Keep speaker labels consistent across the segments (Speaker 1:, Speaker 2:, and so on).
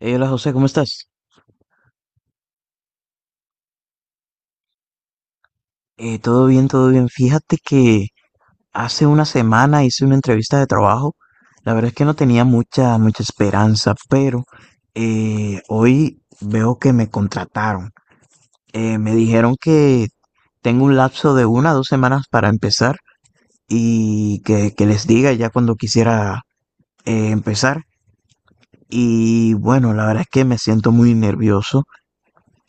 Speaker 1: Hola José, ¿cómo estás? Todo bien, todo bien. Fíjate que hace una semana hice una entrevista de trabajo. La verdad es que no tenía mucha, mucha esperanza, pero hoy veo que me contrataron. Me dijeron que tengo un lapso de 1 a 2 semanas para empezar y que les diga ya cuando quisiera empezar. Y bueno, la verdad es que me siento muy nervioso.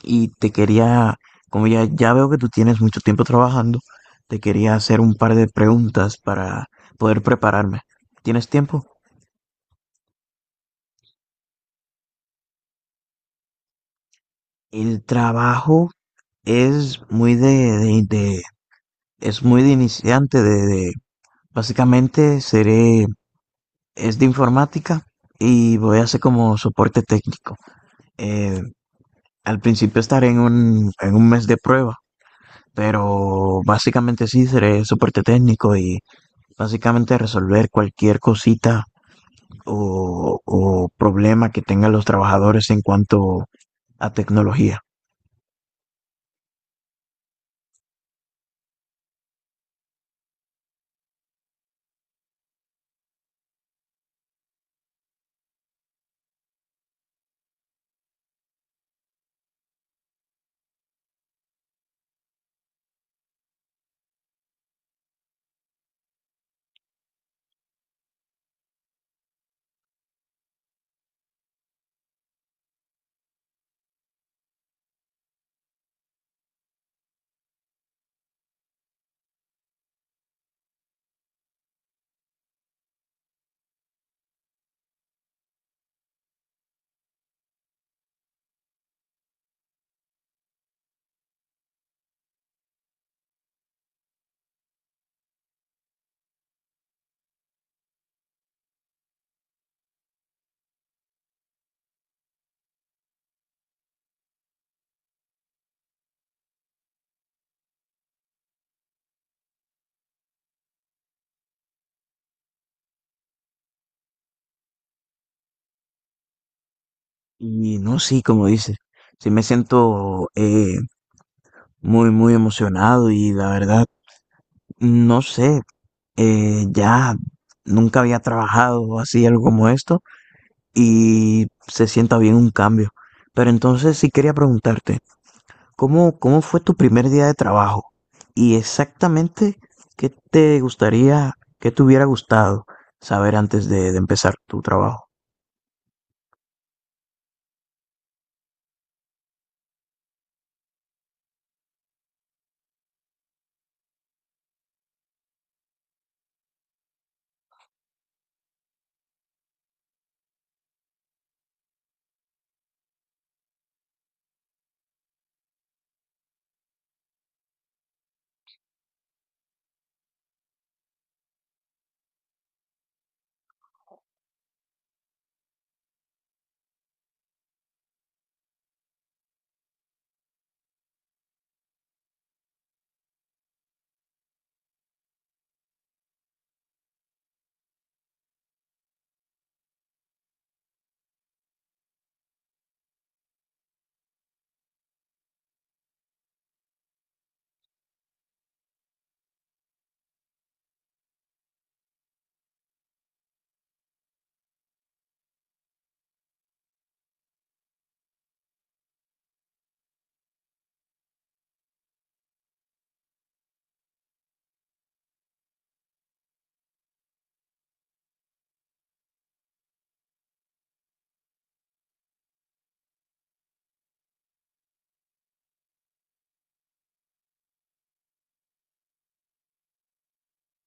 Speaker 1: Y te quería, como ya veo que tú tienes mucho tiempo trabajando, te quería hacer un par de preguntas para poder prepararme. ¿Tienes tiempo? El trabajo es muy de- es muy de iniciante, básicamente seré, es de informática y voy a hacer como soporte técnico. Eh, al principio estaré en en un mes de prueba, pero básicamente sí seré soporte técnico y básicamente resolver cualquier cosita o problema que tengan los trabajadores en cuanto a tecnología. Y no, sí, como dices, sí me siento muy, muy emocionado y la verdad, no sé, ya nunca había trabajado así algo como esto y se sienta bien un cambio. Pero entonces sí quería preguntarte, ¿Cómo fue tu primer día de trabajo? Y exactamente qué te gustaría, qué te hubiera gustado saber antes de empezar tu trabajo.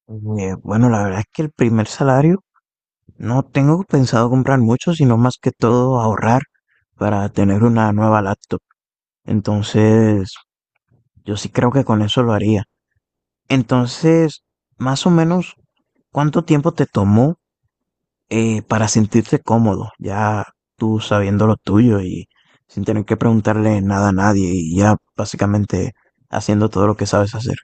Speaker 1: Bueno, la verdad es que el primer salario no tengo pensado comprar mucho, sino más que todo ahorrar para tener una nueva laptop. Entonces, yo sí creo que con eso lo haría. Entonces, más o menos, ¿cuánto tiempo te tomó para sentirse cómodo, ya tú sabiendo lo tuyo y sin tener que preguntarle nada a nadie y ya básicamente haciendo todo lo que sabes hacer?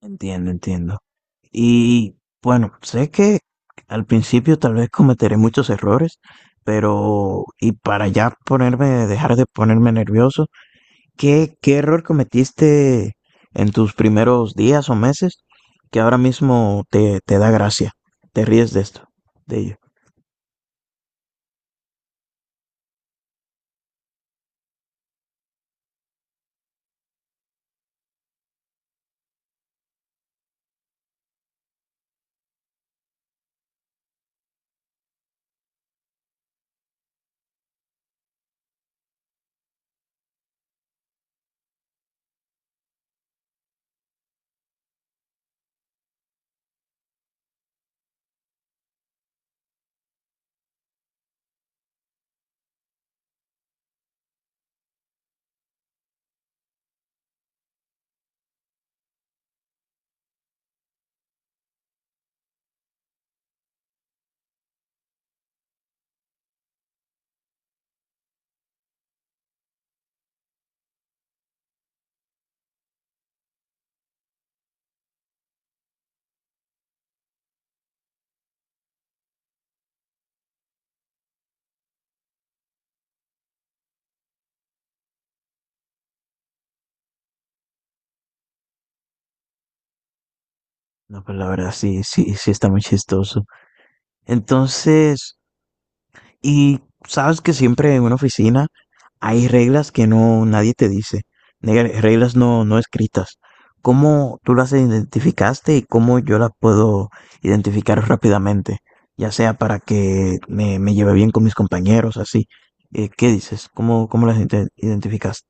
Speaker 1: Entiendo, entiendo. Y bueno, sé que al principio tal vez cometeré muchos errores, pero y para ya ponerme, dejar de ponerme nervioso, ¿Qué error cometiste en tus primeros días o meses que ahora mismo te da gracia? Te ríes de esto, de ello. No, pues la verdad sí, sí, sí está muy chistoso. Entonces, y sabes que siempre en una oficina hay reglas que no nadie te dice, reglas no escritas. ¿Cómo tú las identificaste y cómo yo las puedo identificar rápidamente? Ya sea para que me lleve bien con mis compañeros, así. ¿Qué dices? ¿Cómo las identificas?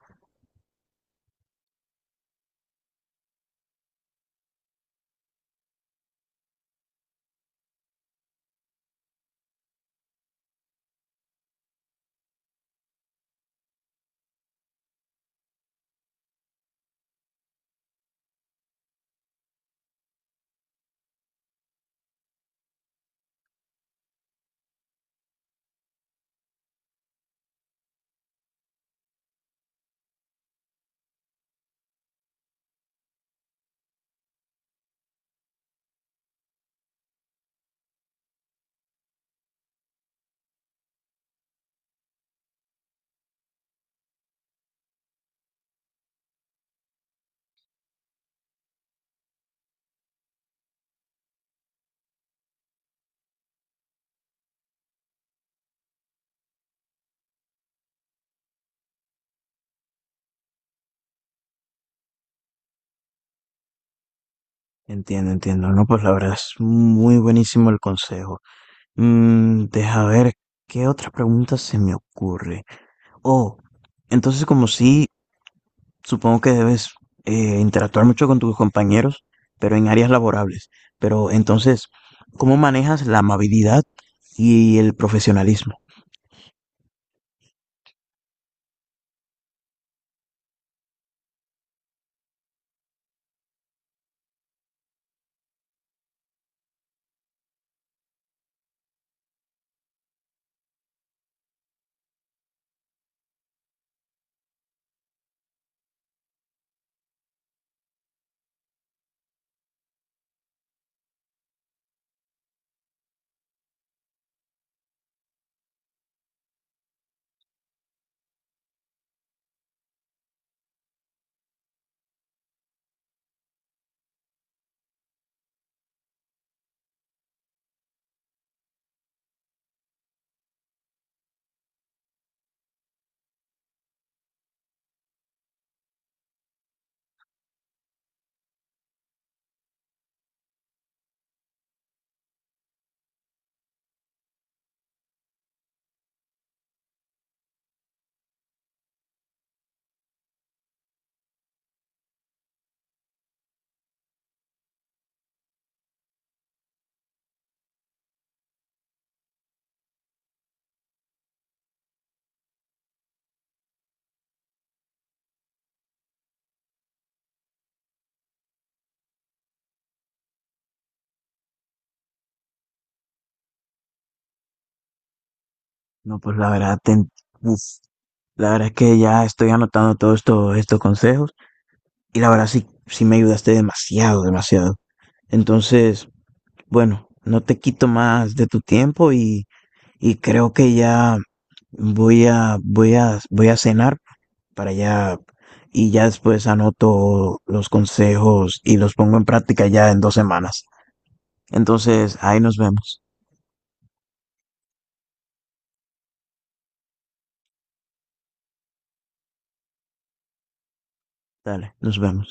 Speaker 1: Entiendo, entiendo. No, pues la verdad es muy buenísimo el consejo. Deja ver qué otra pregunta se me ocurre. Oh, entonces, como si supongo que debes interactuar mucho con tus compañeros, pero en áreas laborables. Pero entonces, ¿cómo manejas la amabilidad y el profesionalismo? No, pues la verdad, uf, la verdad es que ya estoy anotando todos estos consejos y la verdad sí, sí me ayudaste demasiado, demasiado. Entonces, bueno, no te quito más de tu tiempo y creo que ya voy a cenar para allá y ya después anoto los consejos y los pongo en práctica ya en 2 semanas. Entonces, ahí nos vemos. Dale, nos vemos.